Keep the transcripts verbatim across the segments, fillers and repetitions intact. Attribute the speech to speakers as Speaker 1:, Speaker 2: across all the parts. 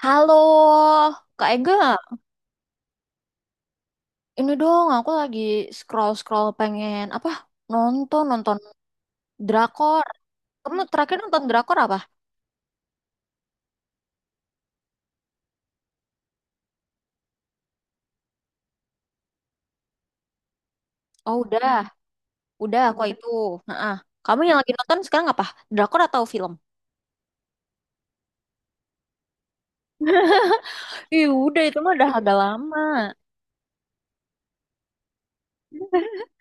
Speaker 1: Halo, Kak Ega. Ini dong, aku lagi scroll-scroll pengen apa? Nonton, nonton drakor. Kamu terakhir nonton drakor apa? Oh, udah. Udah, aku itu. Heeh. Kamu yang lagi nonton sekarang apa? Drakor atau film? Ih, udah itu mah udah agak lama.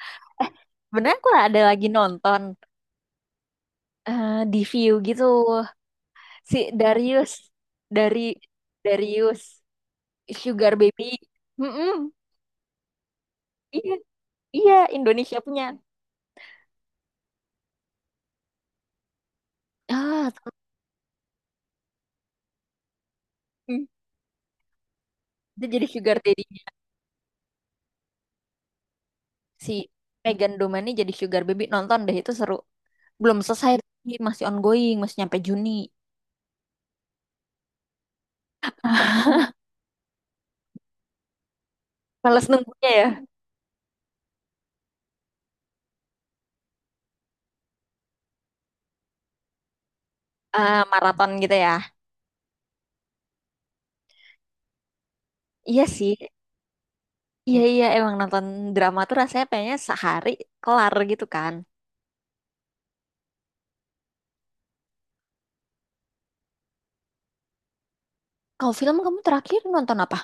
Speaker 1: Eh, Sebenarnya aku ada lagi nonton eh, di view gitu. Si Darius dari Darius Sugar Baby. Mm-mm. Iya, iya Indonesia punya. Ah, hmm. Dia jadi sugar daddy, si Megan Domani jadi sugar baby, nonton deh itu seru. Belum selesai, masih ongoing, masih nyampe Juni. Males nunggunya ya. Ah, maraton gitu ya. Iya sih. Iya iya emang nonton drama tuh rasanya kayaknya sehari kelar gitu kan. Kalau film kamu terakhir nonton apa?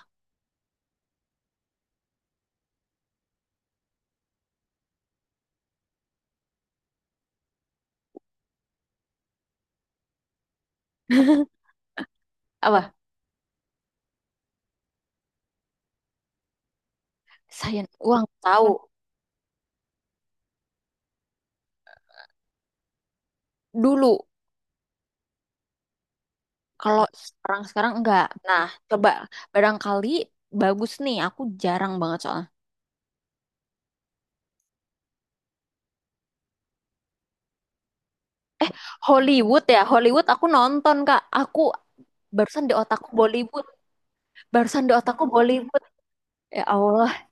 Speaker 1: Apa? Sayang uang tahu dulu. Kalau sekarang sekarang enggak. Nah, coba barangkali bagus nih. Aku jarang banget soalnya. Hollywood ya, Hollywood aku nonton Kak. Aku barusan di otakku Bollywood. Barusan di otakku Bollywood. Ya Allah.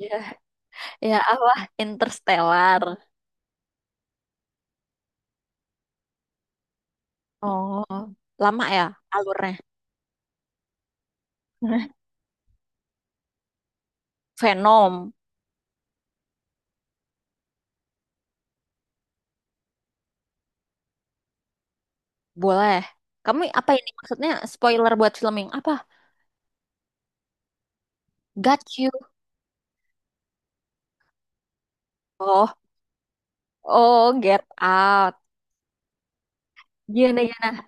Speaker 1: Ya, ya Allah. Interstellar. Oh, lama ya alurnya. Venom. Boleh. Kamu apa ini maksudnya spoiler buat film yang apa? Got you. Oh, oh, Get Out. Gimana, gimana?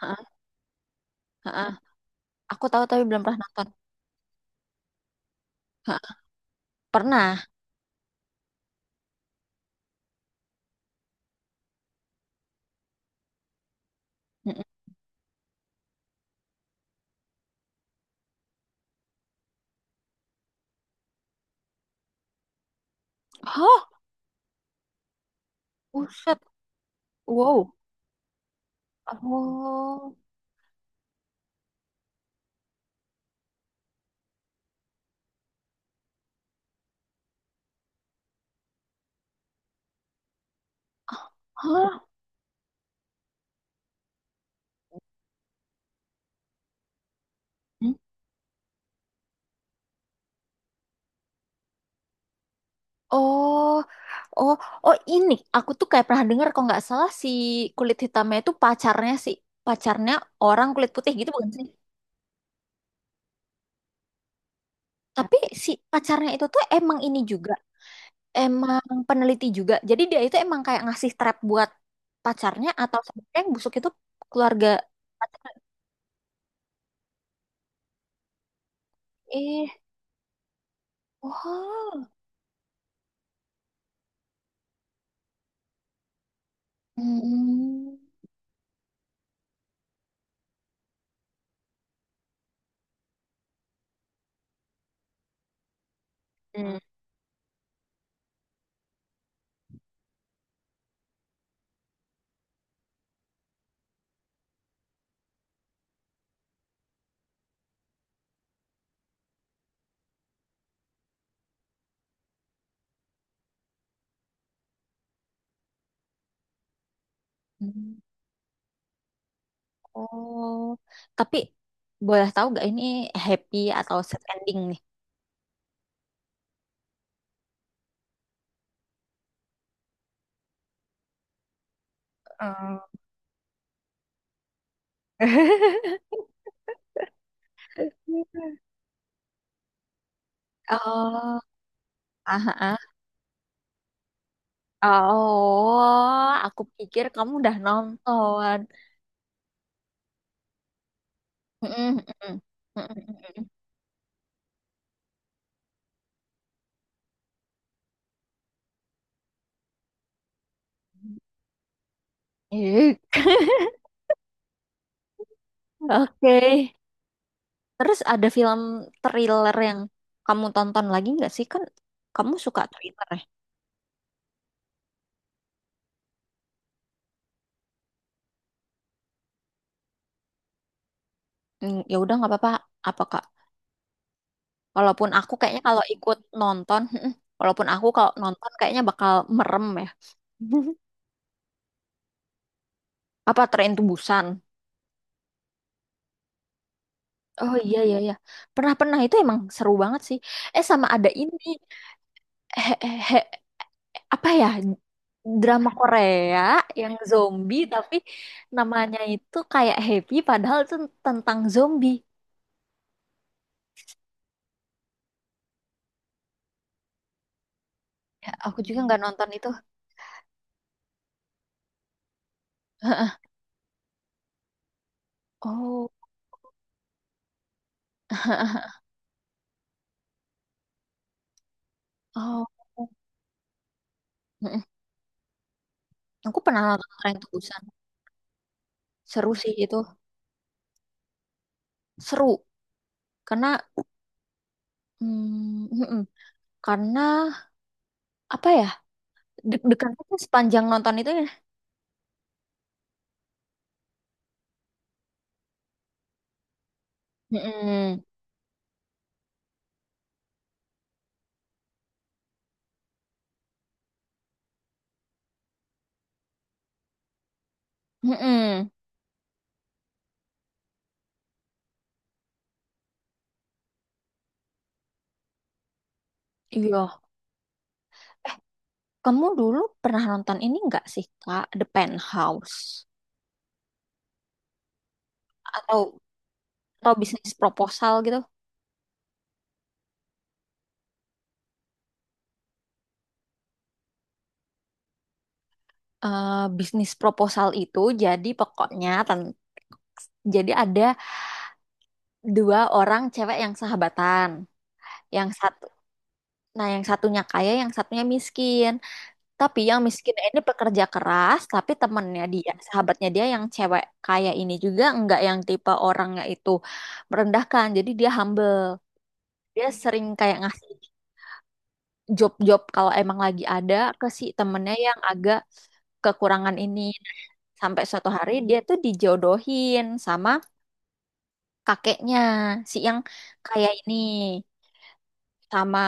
Speaker 1: Heeh, heeh. Aku tahu tapi belum pernah nonton. Heeh. Pernah. Mm-mm. Hah? Buset. Wow. Oh. Hah? Hmm? Oh, oh, oh ini aku tuh kayak pernah dengar kalau nggak salah si kulit hitamnya itu pacarnya si pacarnya orang kulit putih gitu bukan sih? Tapi si pacarnya itu tuh emang ini juga, emang peneliti juga. Jadi dia itu emang kayak ngasih trap buat pacarnya atau sebenarnya yang busuk itu keluarga pacarnya. Eh, wow. Hmm. Hmm. Hmm. Oh, tapi boleh tahu gak ini happy atau sad ending nih? Oh. Oh, ah, ah. Oh, aku pikir kamu udah nonton. Mm-mm, mm-mm, mm-mm, mm-mm. Ih, oke. Terus ada film thriller yang kamu tonton lagi nggak sih? Kan kamu suka thriller ya? Hmm, ya udah nggak apa-apa. Apa Kak? Walaupun aku kayaknya kalau ikut nonton, mm-mm, walaupun aku kalau nonton kayaknya bakal merem ya. Apa Tren Busan? Oh iya iya iya. Pernah-pernah itu emang seru banget sih. Eh sama ada ini. he- he- apa ya, drama Korea yang zombie tapi namanya itu kayak Happy padahal itu tentang zombie. Ya, aku juga nggak nonton itu. Oh, oh. Mm-mm. Aku pernah nonton Tren to Busan. Seru sih itu. Seru. Karena mm, mm-mm. Karena apa ya? Deg-degan aja sepanjang nonton itu ya. Mm-mm. Mm-mm. Iya. Eh, kamu dulu pernah nonton ini nggak sih, Kak? The Penthouse. Atau atau bisnis proposal gitu. Eh, bisnis proposal itu jadi pokoknya ten- jadi ada dua orang cewek yang sahabatan. Yang satu, nah yang satunya kaya, yang satunya miskin. Tapi yang miskin ini pekerja keras, tapi temennya dia, sahabatnya dia yang cewek kaya ini juga enggak yang tipe orangnya itu merendahkan. Jadi dia humble. Dia sering kayak ngasih job-job kalau emang lagi ada ke si temennya yang agak kekurangan ini. Sampai suatu hari dia tuh dijodohin sama kakeknya, si yang kaya ini, sama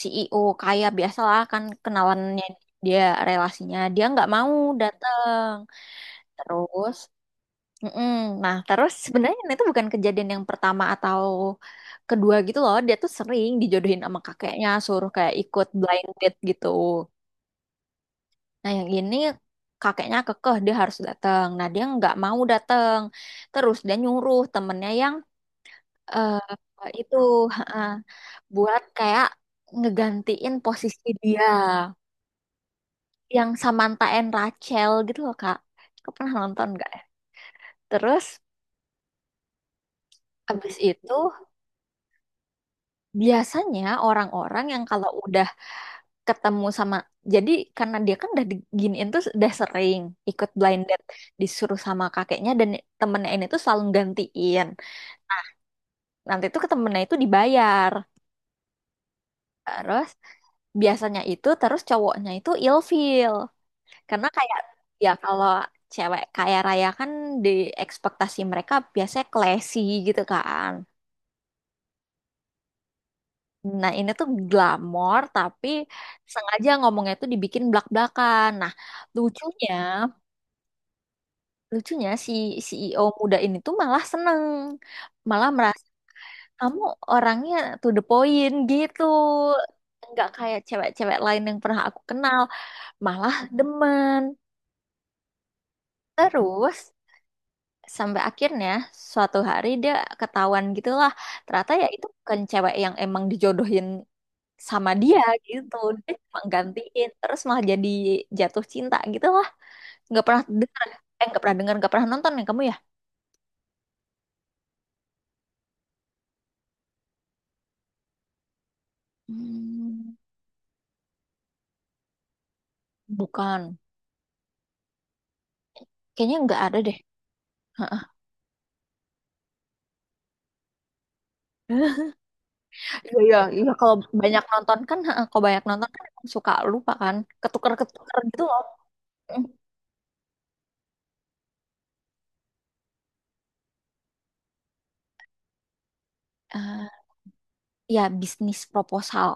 Speaker 1: C E O kaya biasalah kan kenalannya dia relasinya. Dia nggak mau datang. Terus, mm-mm. Nah terus sebenarnya itu bukan kejadian yang pertama atau kedua gitu loh. Dia tuh sering dijodohin sama kakeknya, suruh kayak ikut blind date gitu. Nah, yang ini kakeknya kekeh dia harus datang. Nah, dia nggak mau datang. Terus dia nyuruh temennya yang eh, itu eh, buat kayak ngegantiin posisi dia yang Samantha and Rachel gitu loh, Kak. Kau pernah nonton nggak? Ya? Terus habis itu biasanya orang-orang yang kalau udah ketemu sama jadi karena dia kan udah diginiin tuh udah sering ikut blind date disuruh sama kakeknya dan temennya ini tuh selalu gantiin. Nanti itu ke temennya itu dibayar terus biasanya itu terus cowoknya itu ilfeel karena kayak ya kalau cewek kaya raya kan di ekspektasi mereka biasanya classy gitu kan, nah ini tuh glamor tapi sengaja ngomongnya tuh dibikin blak-blakan. Nah lucunya lucunya si C E O muda ini tuh malah seneng, malah merasa kamu orangnya to the point gitu, nggak kayak cewek-cewek lain yang pernah aku kenal, malah demen. Terus sampai akhirnya suatu hari dia ketahuan gitulah. Ternyata ya itu bukan cewek yang emang dijodohin sama dia gitu. Dia cuma gantiin terus malah jadi jatuh cinta gitu lah. Nggak pernah dengar, eh nggak pernah dengar nggak pernah nonton ya kamu ya? Hmm, bukan. Kayaknya nggak ada deh. Heeh. Iya, iya, iya. Kalau banyak nonton kan, heeh, kalau banyak nonton kan emang suka lupa kan, ketuker-ketuker gitu loh. Mm. Eh, ya bisnis proposal.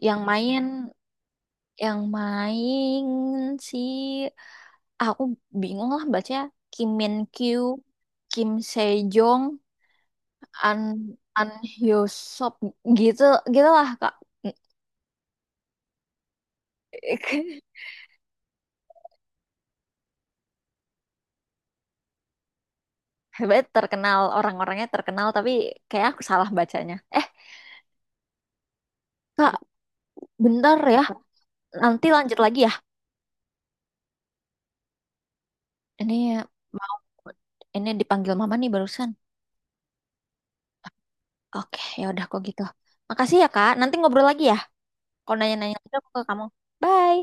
Speaker 1: Yang main yang main si aku bingung lah baca Kim Min Kyu, Kim Sejong, An An Hyosop gitu gitulah Kak. Hebat terkenal orang-orangnya terkenal tapi kayak aku salah bacanya. Eh, Kak, bentar ya. Nanti lanjut lagi ya. Ini mau ini dipanggil mama nih barusan. Oke, ya udah kok gitu. Makasih ya, Kak. Nanti ngobrol lagi ya. Kalau nanya-nanya lagi aku ke kamu. Bye.